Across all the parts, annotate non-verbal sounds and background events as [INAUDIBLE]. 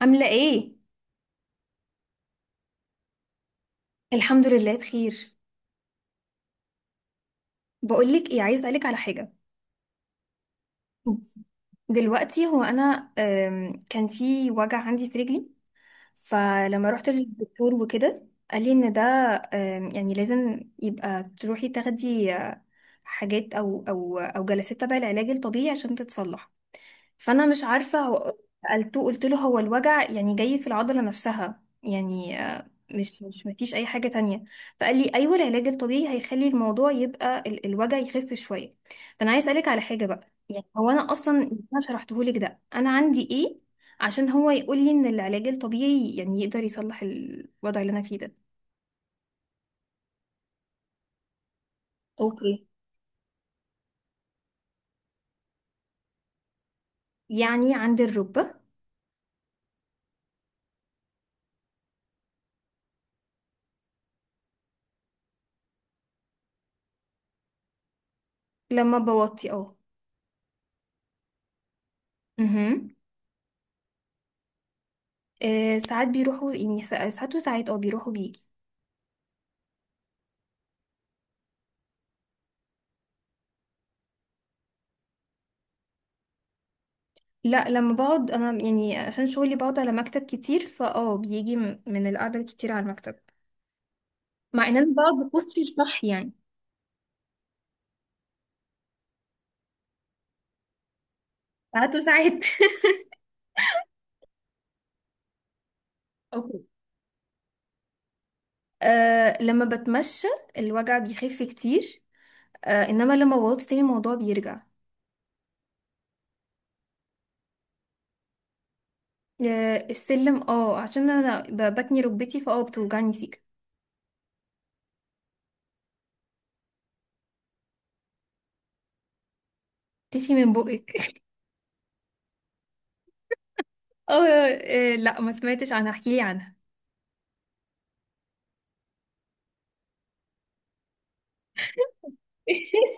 عاملة ايه؟ الحمد لله بخير. بقولك ايه، عايز اسألك على حاجة بس. دلوقتي هو انا كان في وجع عندي في رجلي. فلما رحت للدكتور وكده قال لي ان ده يعني لازم يبقى تروحي تاخدي حاجات او جلسات تبع العلاج الطبيعي عشان تتصلح. فانا مش عارفه. هو سالته قلت له، هو الوجع يعني جاي في العضله نفسها؟ يعني مش مفيش اي حاجه تانية؟ فقال لي ايوه، العلاج الطبيعي هيخلي الموضوع يبقى الوجع يخف شويه. فانا عايز اسالك على حاجه بقى. يعني هو انا اصلا، انا شرحته لك ده، انا عندي ايه؟ عشان هو يقول لي ان العلاج الطبيعي يعني يقدر يصلح الوضع اللي انا فيه ده. اوكي. يعني عندي الركبه. لما بوطي، اه. مهم. ساعات بيروحوا، يعني ساعات وساعات، اه، بيروحوا بيجي. لا، لما بقعد انا، يعني عشان شغلي بقعد على مكتب كتير، فاه بيجي من القعده الكتير على المكتب. مع ان انا بقعد بكرسي صح يعني. ساعات وساعات [LAUGHS] اوكي. آه، لما بتمشى الوجع بيخف كتير. آه، انما لما بقعد تاني الموضوع بيرجع. آه، السلم. اه، عشان انا بتني ركبتي، فاه بتوجعني سيكا. تفي من بقك [LAUGHS] اه. لا، ما سمعتش عنها، احكيلي عنها. [LAUGHS]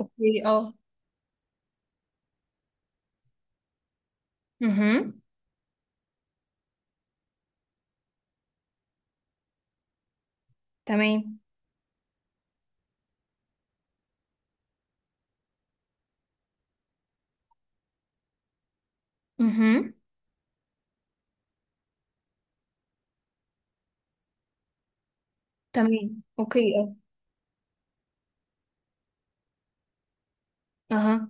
اوكي، اه. اها. تمام. اها. تمام، اوكي، اه. اها.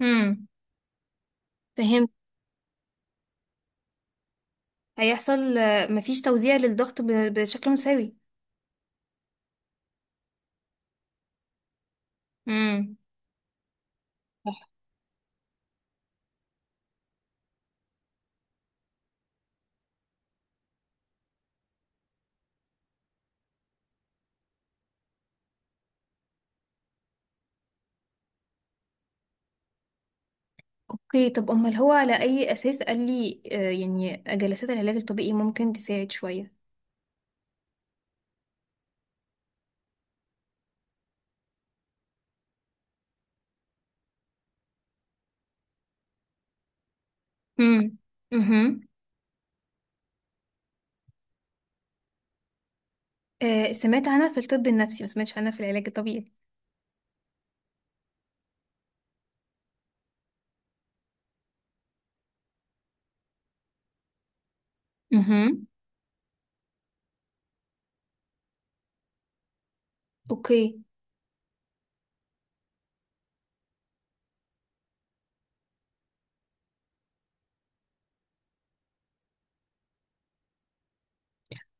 امم فهمت. هيحصل مفيش توزيع للضغط بشكل مساوي. امم. اوكي. طب امال هو على اي اساس قال لي يعني جلسات العلاج الطبيعي ممكن تساعد شوية؟ امم. امم. سمعت عنها في الطب النفسي، ما سمعتش عنها في العلاج الطبيعي. امم. اوكي،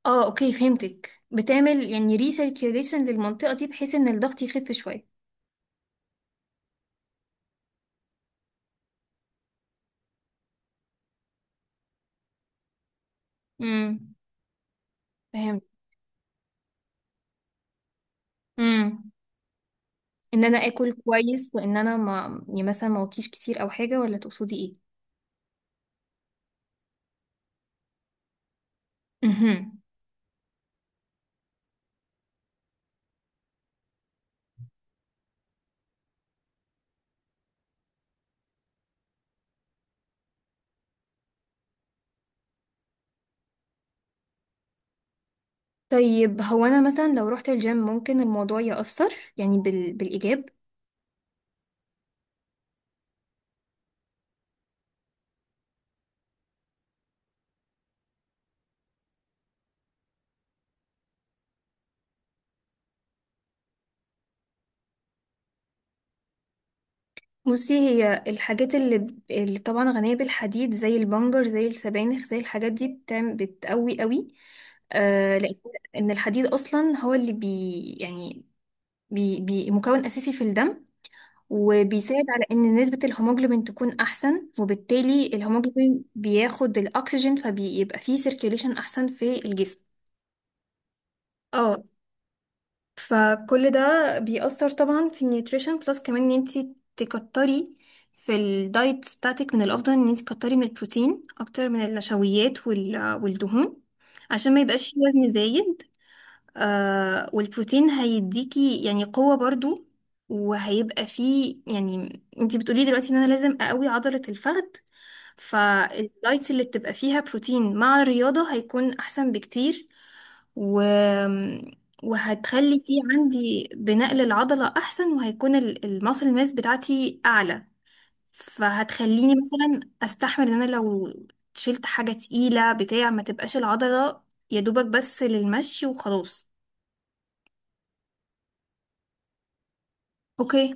اه. اوكي، فهمتك، بتعمل يعني ريسيركيوليشن للمنطقة دي بحيث ان الضغط يخف شوية. امم. فهمت. امم ان انا اكل كويس وان انا ما يعني مثلا ما اوطيش كتير او حاجة، ولا تقصدي ايه؟ مهم. طيب هو انا مثلا لو رحت الجيم ممكن الموضوع يأثر يعني بالايجاب؟ بصي، هي الحاجات اللي، اللي طبعا غنية بالحديد، زي البنجر، زي السبانخ، زي الحاجات دي، بتعمل بتقوي قوي. لان، إن الحديد اصلا هو اللي بي يعني، بي مكون اساسي في الدم، وبيساعد على ان نسبة الهيموجلوبين تكون احسن، وبالتالي الهيموجلوبين بياخد الاكسجين، فبيبقى فيه سيركيوليشن احسن في الجسم. اه. فكل ده بيأثر طبعا في النيوتريشن. بلس كمان ان انتي تكتري في الدايت بتاعتك. من الافضل ان انتي تكتري من البروتين اكتر من النشويات والدهون، عشان ما يبقاش في وزن زايد. والبروتين هيديكي يعني قوة برضو. وهيبقى فيه، يعني انتي بتقولي دلوقتي ان انا لازم اقوي عضلة الفخذ، فالدايتس اللي بتبقى فيها بروتين مع الرياضة هيكون احسن بكتير. و... وهتخلي في عندي بناء للعضلة أحسن، وهيكون الماسل ماس بتاعتي أعلى. فهتخليني مثلا أستحمل إن أنا لو شلت حاجة تقيلة، بتاع ما تبقاش العضلة يا دوبك بس للمشي وخلاص. اوكي.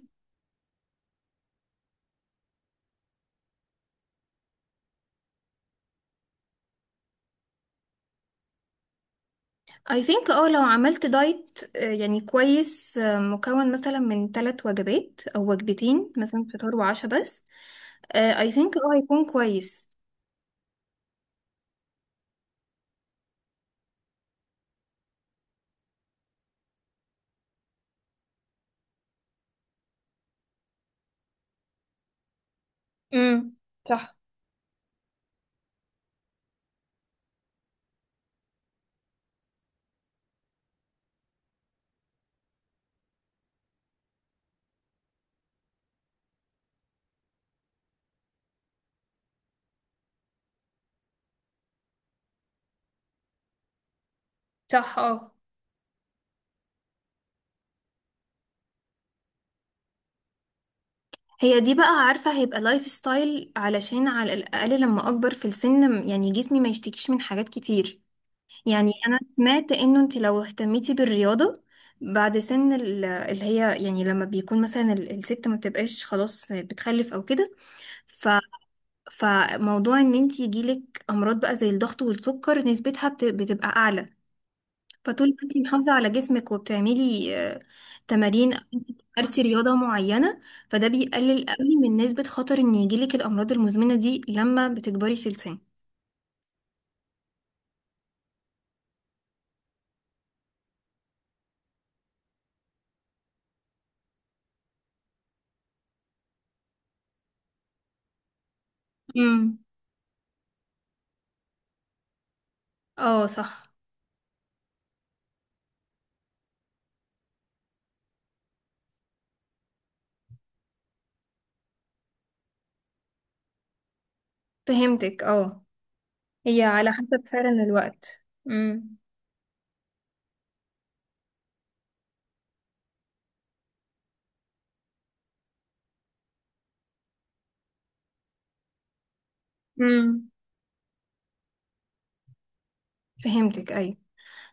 I think لو عملت دايت يعني كويس، مكون مثلا من 3 وجبات او 2 وجبات، مثلا فطار وعشاء بس. I think اه هيكون كويس. امم. صح، صح، اه. هي دي بقى، عارفة هيبقى لايف ستايل علشان على الأقل لما أكبر في السن يعني جسمي ما يشتكيش من حاجات كتير. يعني أنا سمعت إنه أنت لو اهتميتي بالرياضة بعد سن اللي هي يعني لما بيكون مثلا الست ما بتبقاش خلاص بتخلف أو كده، ف فموضوع إن أنت يجيلك أمراض بقى زي الضغط والسكر نسبتها بتبقى أعلى. فطول ما انت محافظة على جسمك وبتعملي تمارين أو انت بتمارسي رياضة معينة، فده بيقلل قوي من نسبة خطر ان يجيلك الأمراض المزمنة دي لما بتكبري في السن. امم. اه، صح. فهمتك، اه. هي على حسب فعلا الوقت. امم. امم، فهمتك، ايوه.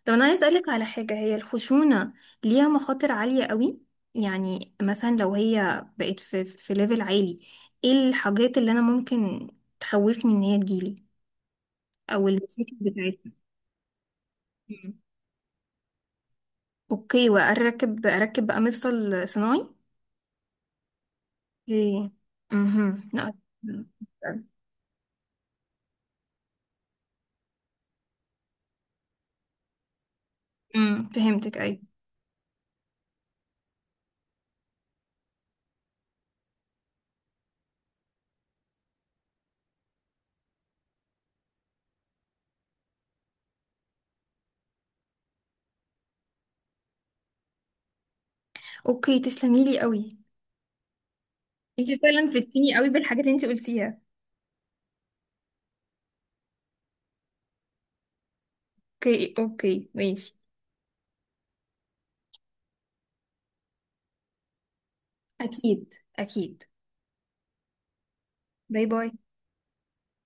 طب انا عايز اسالك على حاجه. هي الخشونه ليها مخاطر عاليه قوي؟ يعني مثلا لو هي بقت في ليفل عالي، ايه الحاجات اللي انا ممكن تخوفني ان هي تجيلي، او المشاكل بتاعتها؟ مم. اوكي، واركب اركب بقى مفصل صناعي. ايه. امم، لا. امم، فهمتك، اي. اوكي، تسلمي لي قوي. انت فعلا فدتيني قوي بالحاجات اللي انت قلتيها. اوكي، اوكي، ماشي. اكيد، اكيد. باي باي.